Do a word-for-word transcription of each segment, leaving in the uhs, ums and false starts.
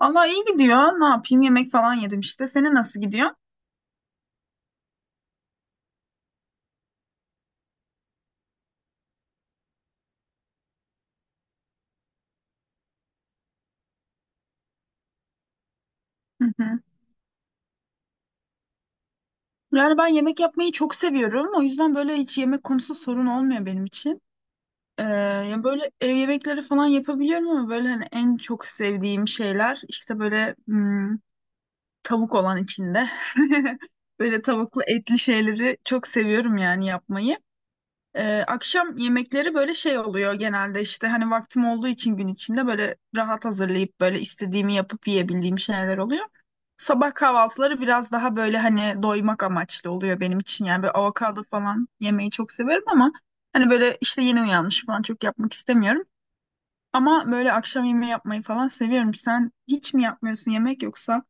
Vallahi iyi gidiyor. Ne yapayım? Yemek falan yedim işte. Senin nasıl gidiyor? Hı hı. Yani ben yemek yapmayı çok seviyorum. O yüzden böyle hiç yemek konusu sorun olmuyor benim için. Ee, ya böyle ev yemekleri falan yapabiliyorum ama böyle hani en çok sevdiğim şeyler işte böyle hmm, tavuk olan içinde. Böyle tavuklu etli şeyleri çok seviyorum yani yapmayı. Ee, akşam yemekleri böyle şey oluyor genelde işte hani vaktim olduğu için gün içinde böyle rahat hazırlayıp böyle istediğimi yapıp yiyebildiğim şeyler oluyor. Sabah kahvaltıları biraz daha böyle hani doymak amaçlı oluyor benim için. Yani böyle avokado falan yemeyi çok severim ama hani böyle işte yeni uyanmış falan çok yapmak istemiyorum. Ama böyle akşam yemeği yapmayı falan seviyorum. Sen hiç mi yapmıyorsun yemek yoksa?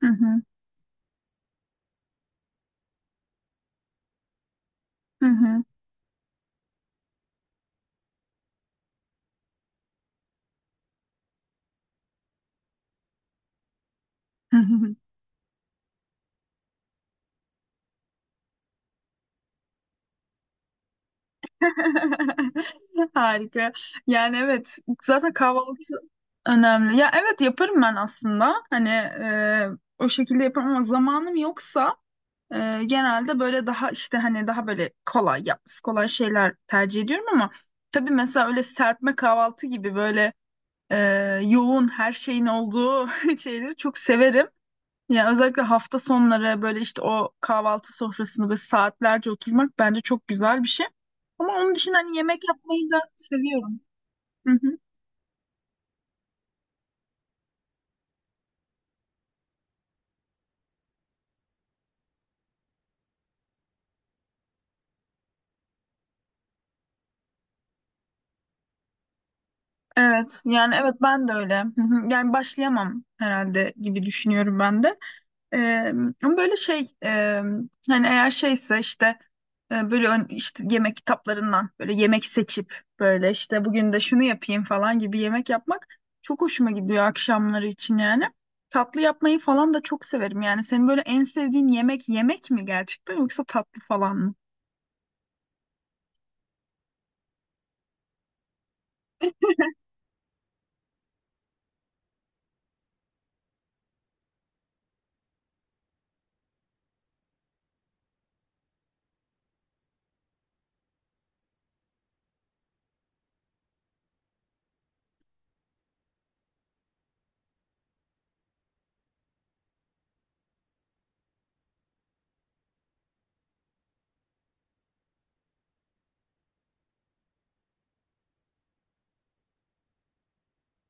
Hı hı. Hı hı. Harika. Yani evet zaten kahvaltı önemli. Ya evet yaparım ben aslında. Hani e, o şekilde yaparım ama zamanım yoksa e, genelde böyle daha işte hani daha böyle kolay yapması kolay şeyler tercih ediyorum ama tabii mesela öyle serpme kahvaltı gibi böyle e, yoğun her şeyin olduğu şeyleri çok severim. Yani özellikle hafta sonları böyle işte o kahvaltı sofrasını böyle saatlerce oturmak bence çok güzel bir şey. Ama onun dışında hani yemek yapmayı da seviyorum. Hı hı. Evet yani evet ben de öyle. Hı hı. Yani başlayamam herhalde gibi düşünüyorum ben de. Eee, Ama böyle şey eee, hani eğer şeyse işte e, böyle ön- işte yemek kitaplarından böyle yemek seçip böyle işte bugün de şunu yapayım falan gibi yemek yapmak çok hoşuma gidiyor akşamları için yani. Tatlı yapmayı falan da çok severim yani. Senin böyle en sevdiğin yemek yemek mi gerçekten yoksa tatlı falan mı?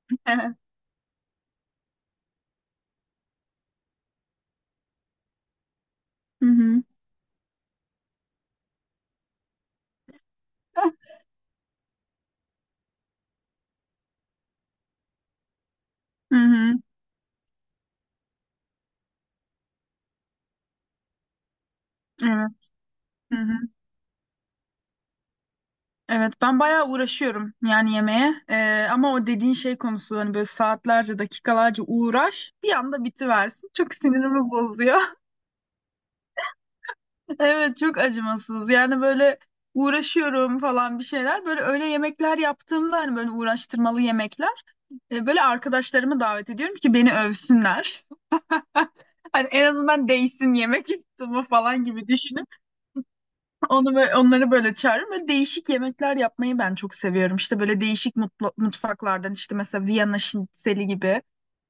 Hı hı. Hı hı. Evet. Hı hı. Evet ben bayağı uğraşıyorum yani yemeğe Ee, Ama o dediğin şey konusu hani böyle saatlerce dakikalarca uğraş bir anda bitiversin çok sinirimi bozuyor. Evet çok acımasız yani böyle uğraşıyorum falan bir şeyler böyle öyle yemekler yaptığımda hani böyle uğraştırmalı yemekler e, böyle arkadaşlarımı davet ediyorum ki beni övsünler. Hani en azından değsin yemek yaptığımı falan gibi düşünüp onu böyle, onları böyle çağırıyorum. Böyle değişik yemekler yapmayı ben çok seviyorum. İşte böyle değişik mutlu- mutfaklardan işte mesela Viyana şnitzeli gibi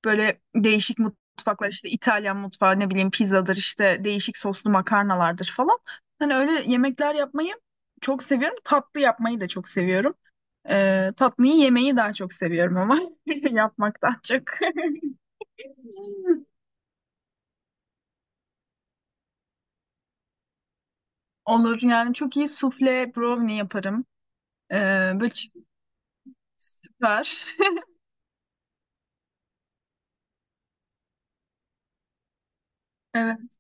böyle değişik mutfaklar işte İtalyan mutfağı ne bileyim pizzadır işte değişik soslu makarnalardır falan. Hani öyle yemekler yapmayı çok seviyorum. Tatlı yapmayı da çok seviyorum. Ee, tatlıyı yemeyi daha çok seviyorum ama yapmaktan çok. Olur yani çok iyi sufle brownie yaparım. Ee, Böyle çift süper.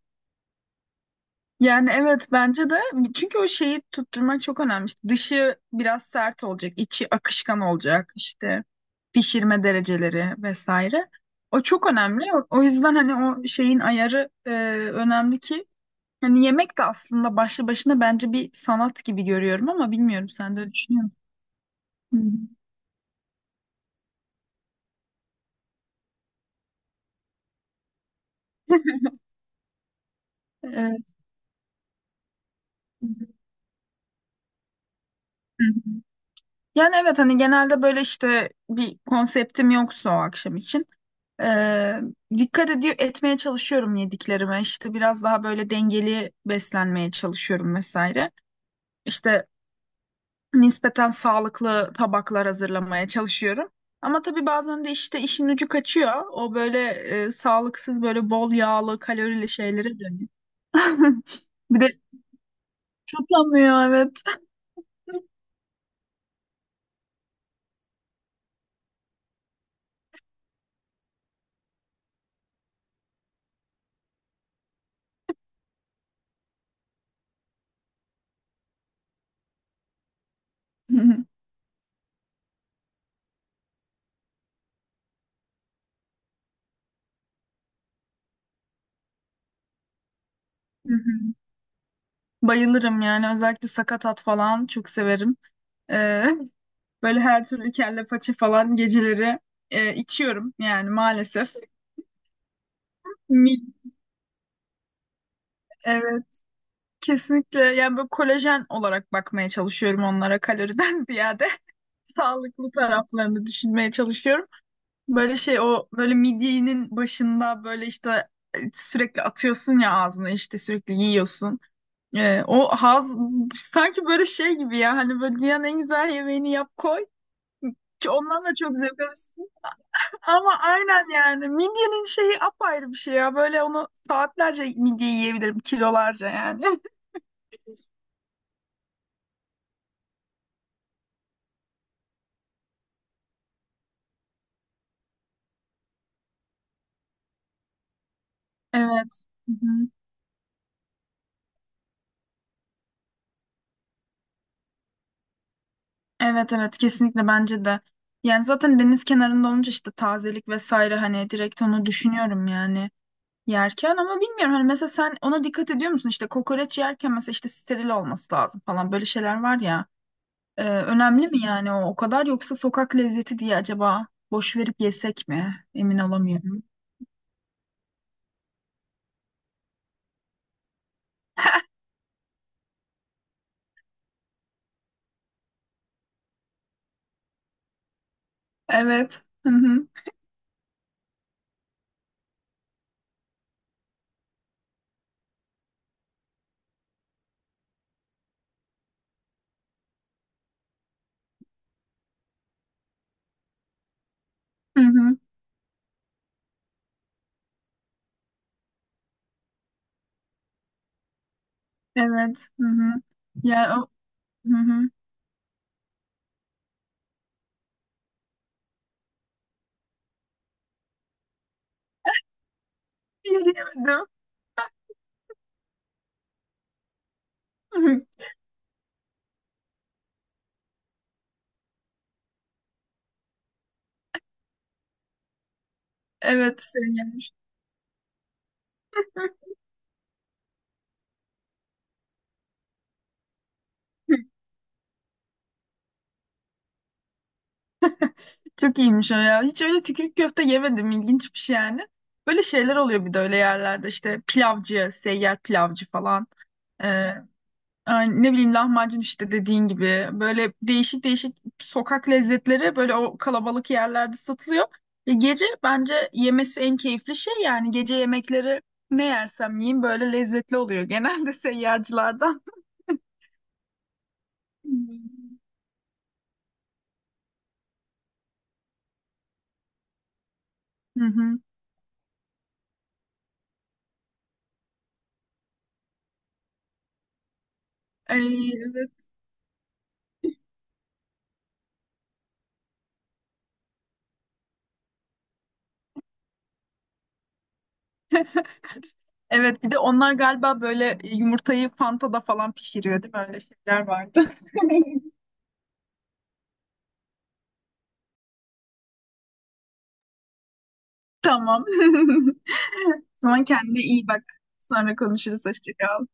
Yani evet bence de çünkü o şeyi tutturmak çok önemli. İşte dışı biraz sert olacak, içi akışkan olacak işte pişirme dereceleri vesaire. O çok önemli. O, o yüzden hani o şeyin ayarı e, önemli ki hani yemek de aslında başlı başına bence bir sanat gibi görüyorum ama bilmiyorum sen de öyle düşünüyor musun? Hı. Evet. Hı. Yani evet hani genelde böyle işte bir konseptim yoksa o akşam için. Ee, Dikkat ediyor etmeye çalışıyorum yediklerime. İşte biraz daha böyle dengeli beslenmeye çalışıyorum vesaire. İşte nispeten sağlıklı tabaklar hazırlamaya çalışıyorum. Ama tabii bazen de işte işin ucu kaçıyor. O böyle e, sağlıksız böyle bol yağlı kalorili şeylere dönüyor. Bir de tutamıyor evet. Bayılırım yani özellikle sakatat falan çok severim. Ee, Böyle her türlü kelle paça falan geceleri e, içiyorum yani maalesef. Mi- Evet kesinlikle yani böyle kolajen olarak bakmaya çalışıyorum onlara kaloriden ziyade sağlıklı taraflarını düşünmeye çalışıyorum. Böyle şey o böyle midyenin başında böyle işte e, sürekli atıyorsun ya ağzına işte sürekli yiyorsun. E, o haz sanki böyle şey gibi ya hani böyle dünyanın en güzel yemeğini yap koy. Ki ondan da çok zevk alıyorsun. Ama aynen yani midyenin şeyi apayrı bir şey ya. Böyle onu saatlerce midye yiyebilirim kilolarca yani. Evet. Hı hı. Evet evet kesinlikle bence de. Yani zaten deniz kenarında olunca işte tazelik vesaire hani direkt onu düşünüyorum yani yerken ama bilmiyorum hani mesela sen ona dikkat ediyor musun işte kokoreç yerken mesela işte steril olması lazım falan böyle şeyler var ya. Ee, önemli mi yani o o kadar yoksa sokak lezzeti diye acaba boş verip yesek mi? Emin olamıyorum. Evet. Hı hı. Hı hı. Evet. Hı hı. Yani o, hı hı. Yemedim. Evet seni yemiş. Çok iyiymiş o ya. Hiç öyle tükürük köfte yemedim. İlginç bir şey yani. Böyle şeyler oluyor bir de öyle yerlerde işte pilavcı, seyyar pilavcı falan. Ee, Ay, ne bileyim lahmacun işte dediğin gibi böyle değişik değişik sokak lezzetleri böyle o kalabalık yerlerde satılıyor. E, gece bence yemesi en keyifli şey yani gece yemekleri ne yersem yiyeyim böyle lezzetli oluyor genelde seyyarcılardan. Hı hı. Ay, evet. Evet bir de onlar galiba böyle yumurtayı Fanta'da falan pişiriyor değil mi? Öyle şeyler vardı. Tamam. O zaman kendine iyi bak. Sonra konuşuruz. Hoşça kal.